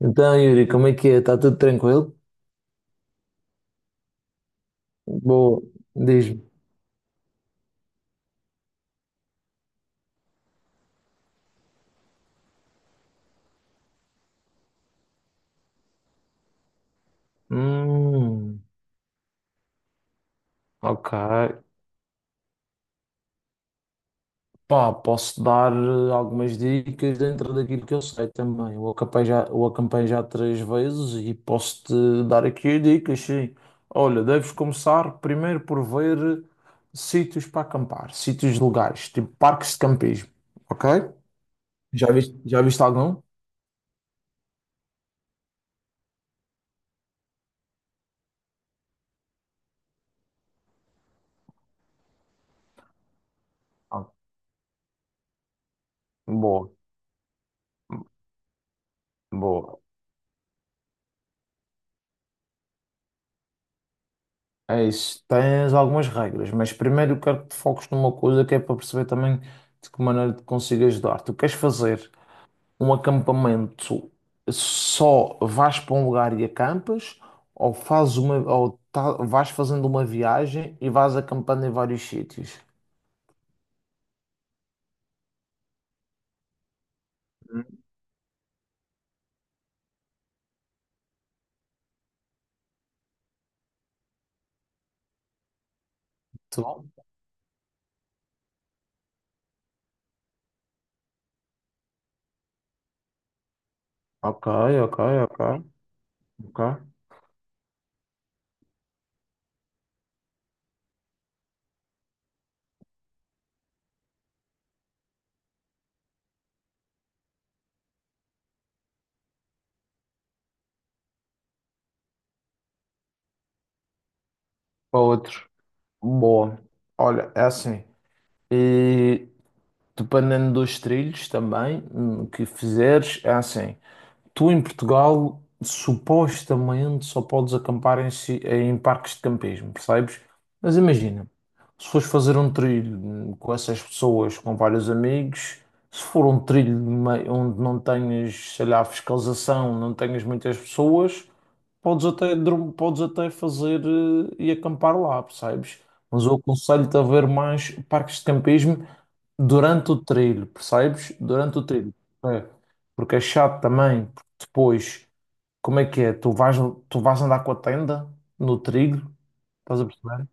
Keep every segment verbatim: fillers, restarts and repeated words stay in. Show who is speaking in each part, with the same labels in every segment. Speaker 1: Então, Yuri, como é que é? Está tudo tranquilo? Boa, diz-me. Hum, ok. Pá, posso dar eh, algumas dicas dentro daquilo que eu sei também. Eu acampei já, eu acampei já três vezes e posso-te dar aqui dicas, sim. Olha, deves começar primeiro por ver eh, sítios para acampar, sítios legais, tipo parques de campismo, ok? Já viste, já viste algum? Ah, Boa, boa. É isso, tens algumas regras, mas primeiro eu quero que te foques numa coisa que é para perceber também de que maneira te consigo ajudar. Tu queres fazer um acampamento só vais para um lugar e acampas, ou fazes uma, ou tá- vais fazendo uma viagem e vais acampando em vários sítios? Hum, Tá bom? Ok, ok, ok, ok. Para outro. Boa. Olha, é assim. E dependendo dos trilhos também hum, que fizeres, é assim. Tu em Portugal supostamente só podes acampar em, si- em parques de campismo, percebes? Mas imagina, se fores fazer um trilho hum, com essas pessoas, com vários amigos, se for um trilho de mei- onde não tenhas, sei lá, fiscalização, não tenhas muitas pessoas, podes até, dorm- podes até fazer eh, e acampar lá, percebes? Mas eu aconselho-te a ver mais parques de campismo durante o trilho, percebes? Durante o trilho. É. Porque é chato também, porque depois, como é que é? Tu vais, tu vais andar com a tenda no trilho, estás a perceber?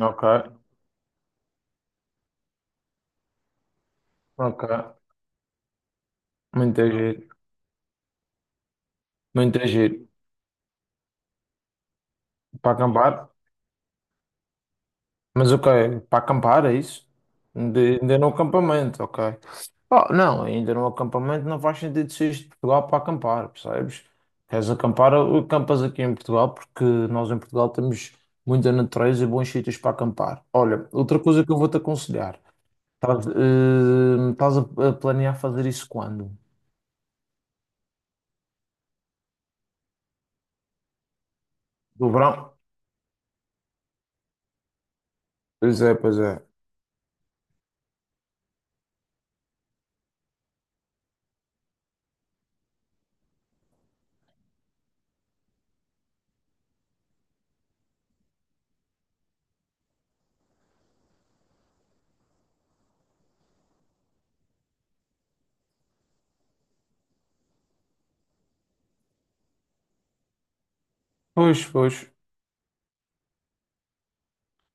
Speaker 1: Ok, ok. Muito é giro, muito é giro. Para acampar, mas ok, para acampar é isso? De, ainda no acampamento, ok. Oh, não, ainda no acampamento não faz sentido seres de Portugal para acampar, percebes? Queres acampar, acampas aqui em Portugal, porque nós em Portugal temos muita natureza e bons sítios para acampar. Olha, outra coisa que eu vou-te aconselhar, estás, eh, estás a, a planear fazer isso quando? Do verão? Pois é, pois é. Pois, pois,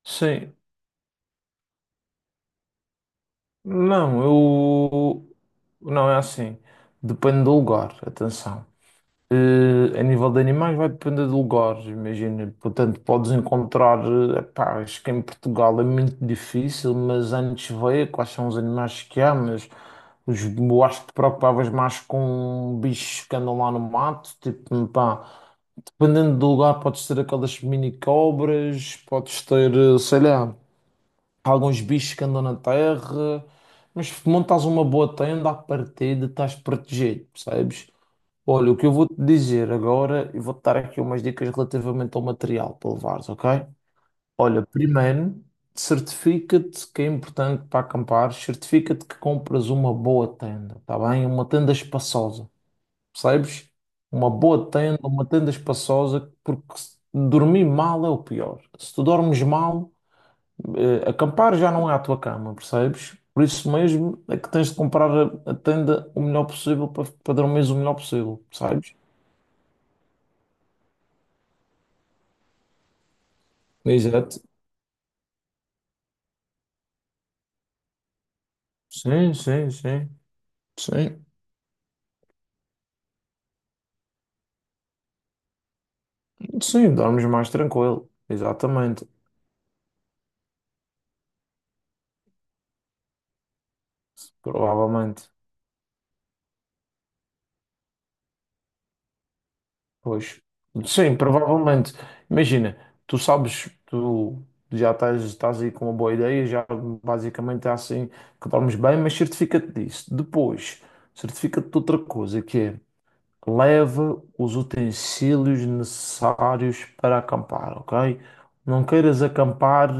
Speaker 1: sim. Não, eu... Não, é assim. Depende do lugar, atenção. Eh, a nível de animais vai depender de lugares, imagina. Portanto, podes encontrar, eh, pá, acho que em Portugal é muito difícil, mas antes veio quais são os animais que há, mas os, eu acho que te preocupavas mais com bichos que andam lá no mato, tipo, pá, dependendo do lugar, podes ter aquelas mini cobras, podes ter, eh, sei lá, alguns bichos que andam na terra, mas montas uma boa tenda à partida, estás protegido, percebes? Olha, o que eu vou te dizer agora, e vou-te dar aqui umas dicas relativamente ao material para levares, ok? Olha, primeiro, certifica-te que é importante para acampar, certifica-te que compras uma boa tenda, tá bem? Uma tenda espaçosa, percebes? Uma boa tenda, uma tenda espaçosa, porque se- dormir mal é o pior. Se tu dormes mal, eh, acampar já não é a tua cama, percebes? Por isso mesmo é que tens de comprar a, a tenda o melhor possível para, para dormires o melhor possível, percebes? Exato. Sim, sim, sim. Sim, sim, dormes mais tranquilo. Exatamente. Provavelmente. Pois. Sim, provavelmente. Imagina, tu sabes, tu já estás, estás aí com uma boa ideia, já basicamente é assim que dormes bem, mas certifica-te disso. Depois, certifica-te de outra coisa, que é leva os utensílios necessários para acampar, ok? Não queiras acampar eh,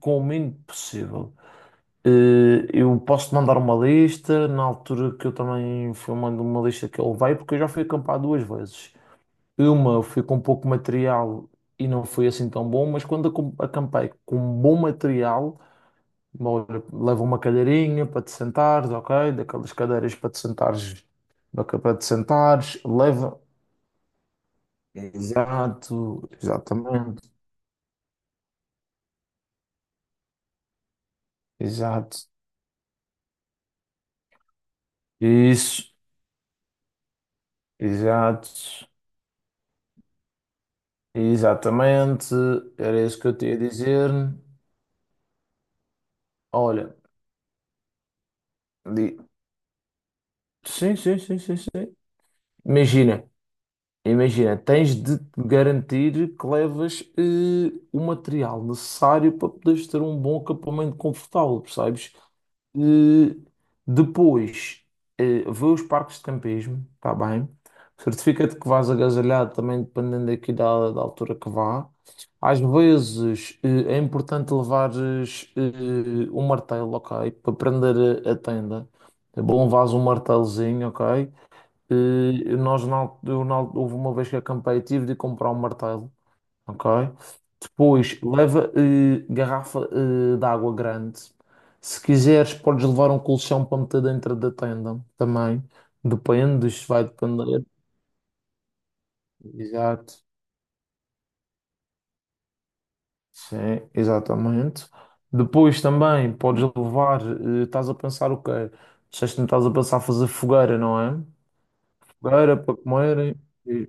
Speaker 1: com o mínimo possível. Eh, Eu posso mandar uma lista, na altura que eu também fui mandando uma lista que ele veio, porque eu já fui acampar duas vezes. Uma eu fui com pouco material e não foi assim tão bom, mas quando acom- acampei com bom material, olha, leva uma cadeirinha para te sentares, ok? Daquelas cadeiras para te sentares, daque- para te sentares, leva. Exato, exatamente, exato. Isso, exato, exatamente, era isso que eu te ia dizer. Olha, di- sim, sim, sim, sim, sim. Imagina, imagina, tens de te garantir que levas eh, o material necessário para poderes ter um bom acampamento confortável, percebes? Eh, depois, eh, vê os parques de campismo, tá bem? Certifica-te que vais agasalhado também, dependendo aqui da, da altura que vá. Às vezes, eh, é importante levares eh, um martelo, ok? Para prender a, a tenda. É bom levares um martelozinho, ok? Eh, nós, na, al- eu, na, al- houve uma vez que acampei, tive de comprar um martelo, ok? Depois leva eh, garrafa eh, de água grande. Se quiseres, podes levar um colchão para meter dentro da tenda também. Depende, isto vai depender. Exato. Sim, exatamente. Depois também podes levar, eh, estás a pensar o quê? Disseste que não estás a pensar fazer fogueira, não é? Fogueira para comerem. E,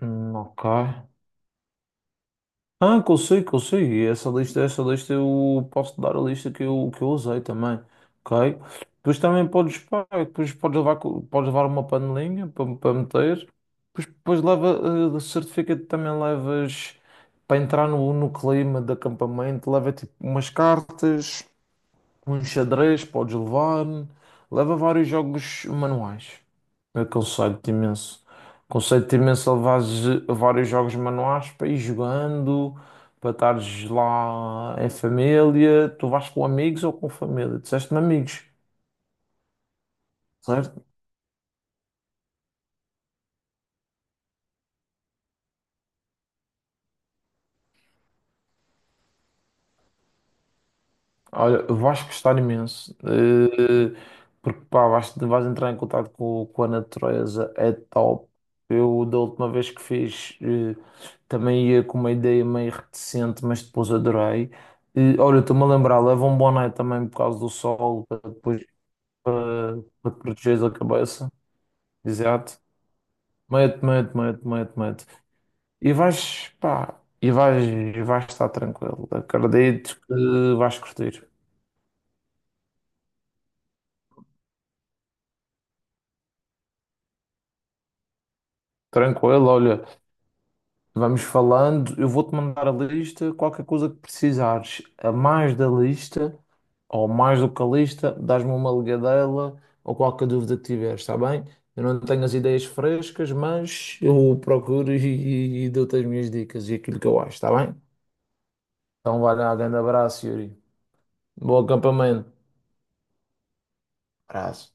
Speaker 1: hum, ok. Ah, que eu sei, que eu sei. E essa lista, essa lista eu posso dar a lista que eu, que eu usei também. Ok? Depois também podes, pá, depois podes levar, co- podes levar uma panelinha para, para meter. Depois, depois leva eh, o certificado também levas para entrar no, no clima de acampamento, leva tipo umas cartas. Um xadrez podes levar, leva vários jogos manuais. Eu aconselho-te imenso. Aconselho-te imenso a levares eh, vários jogos manuais para ir jogando, para estares lá em família. Tu vais com amigos ou com família? Disseste-me amigos, certo? Olha, vais gostar imenso, eh, porque pá, vais, vais entrar em contato com, com a natureza, é top. Eu, da última vez que fiz, eh, também ia com uma ideia meio reticente, mas depois adorei. Eh, olha, estou-me a lembrar, leva um boné também por causa do sol, para depois para, para te protegeres a cabeça. Exato. Mete, mete, mete, mete, mete. E vais, pá, e vais, e vais estar tranquilo. Acredito que vais curtir. Tranquilo, olha. Vamos falando, eu vou-te mandar a lista, qualquer coisa que precisares, a mais da lista, ou mais do que a lista, dás-me uma ligadela, ou qualquer dúvida que tiveres, está bem? Eu não tenho as ideias frescas, mas eu procuro e, e- e dou-te as minhas dicas e aquilo que eu acho, está bem? Então vai lá, grande abraço, Yuri. Bom acampamento. Abraço.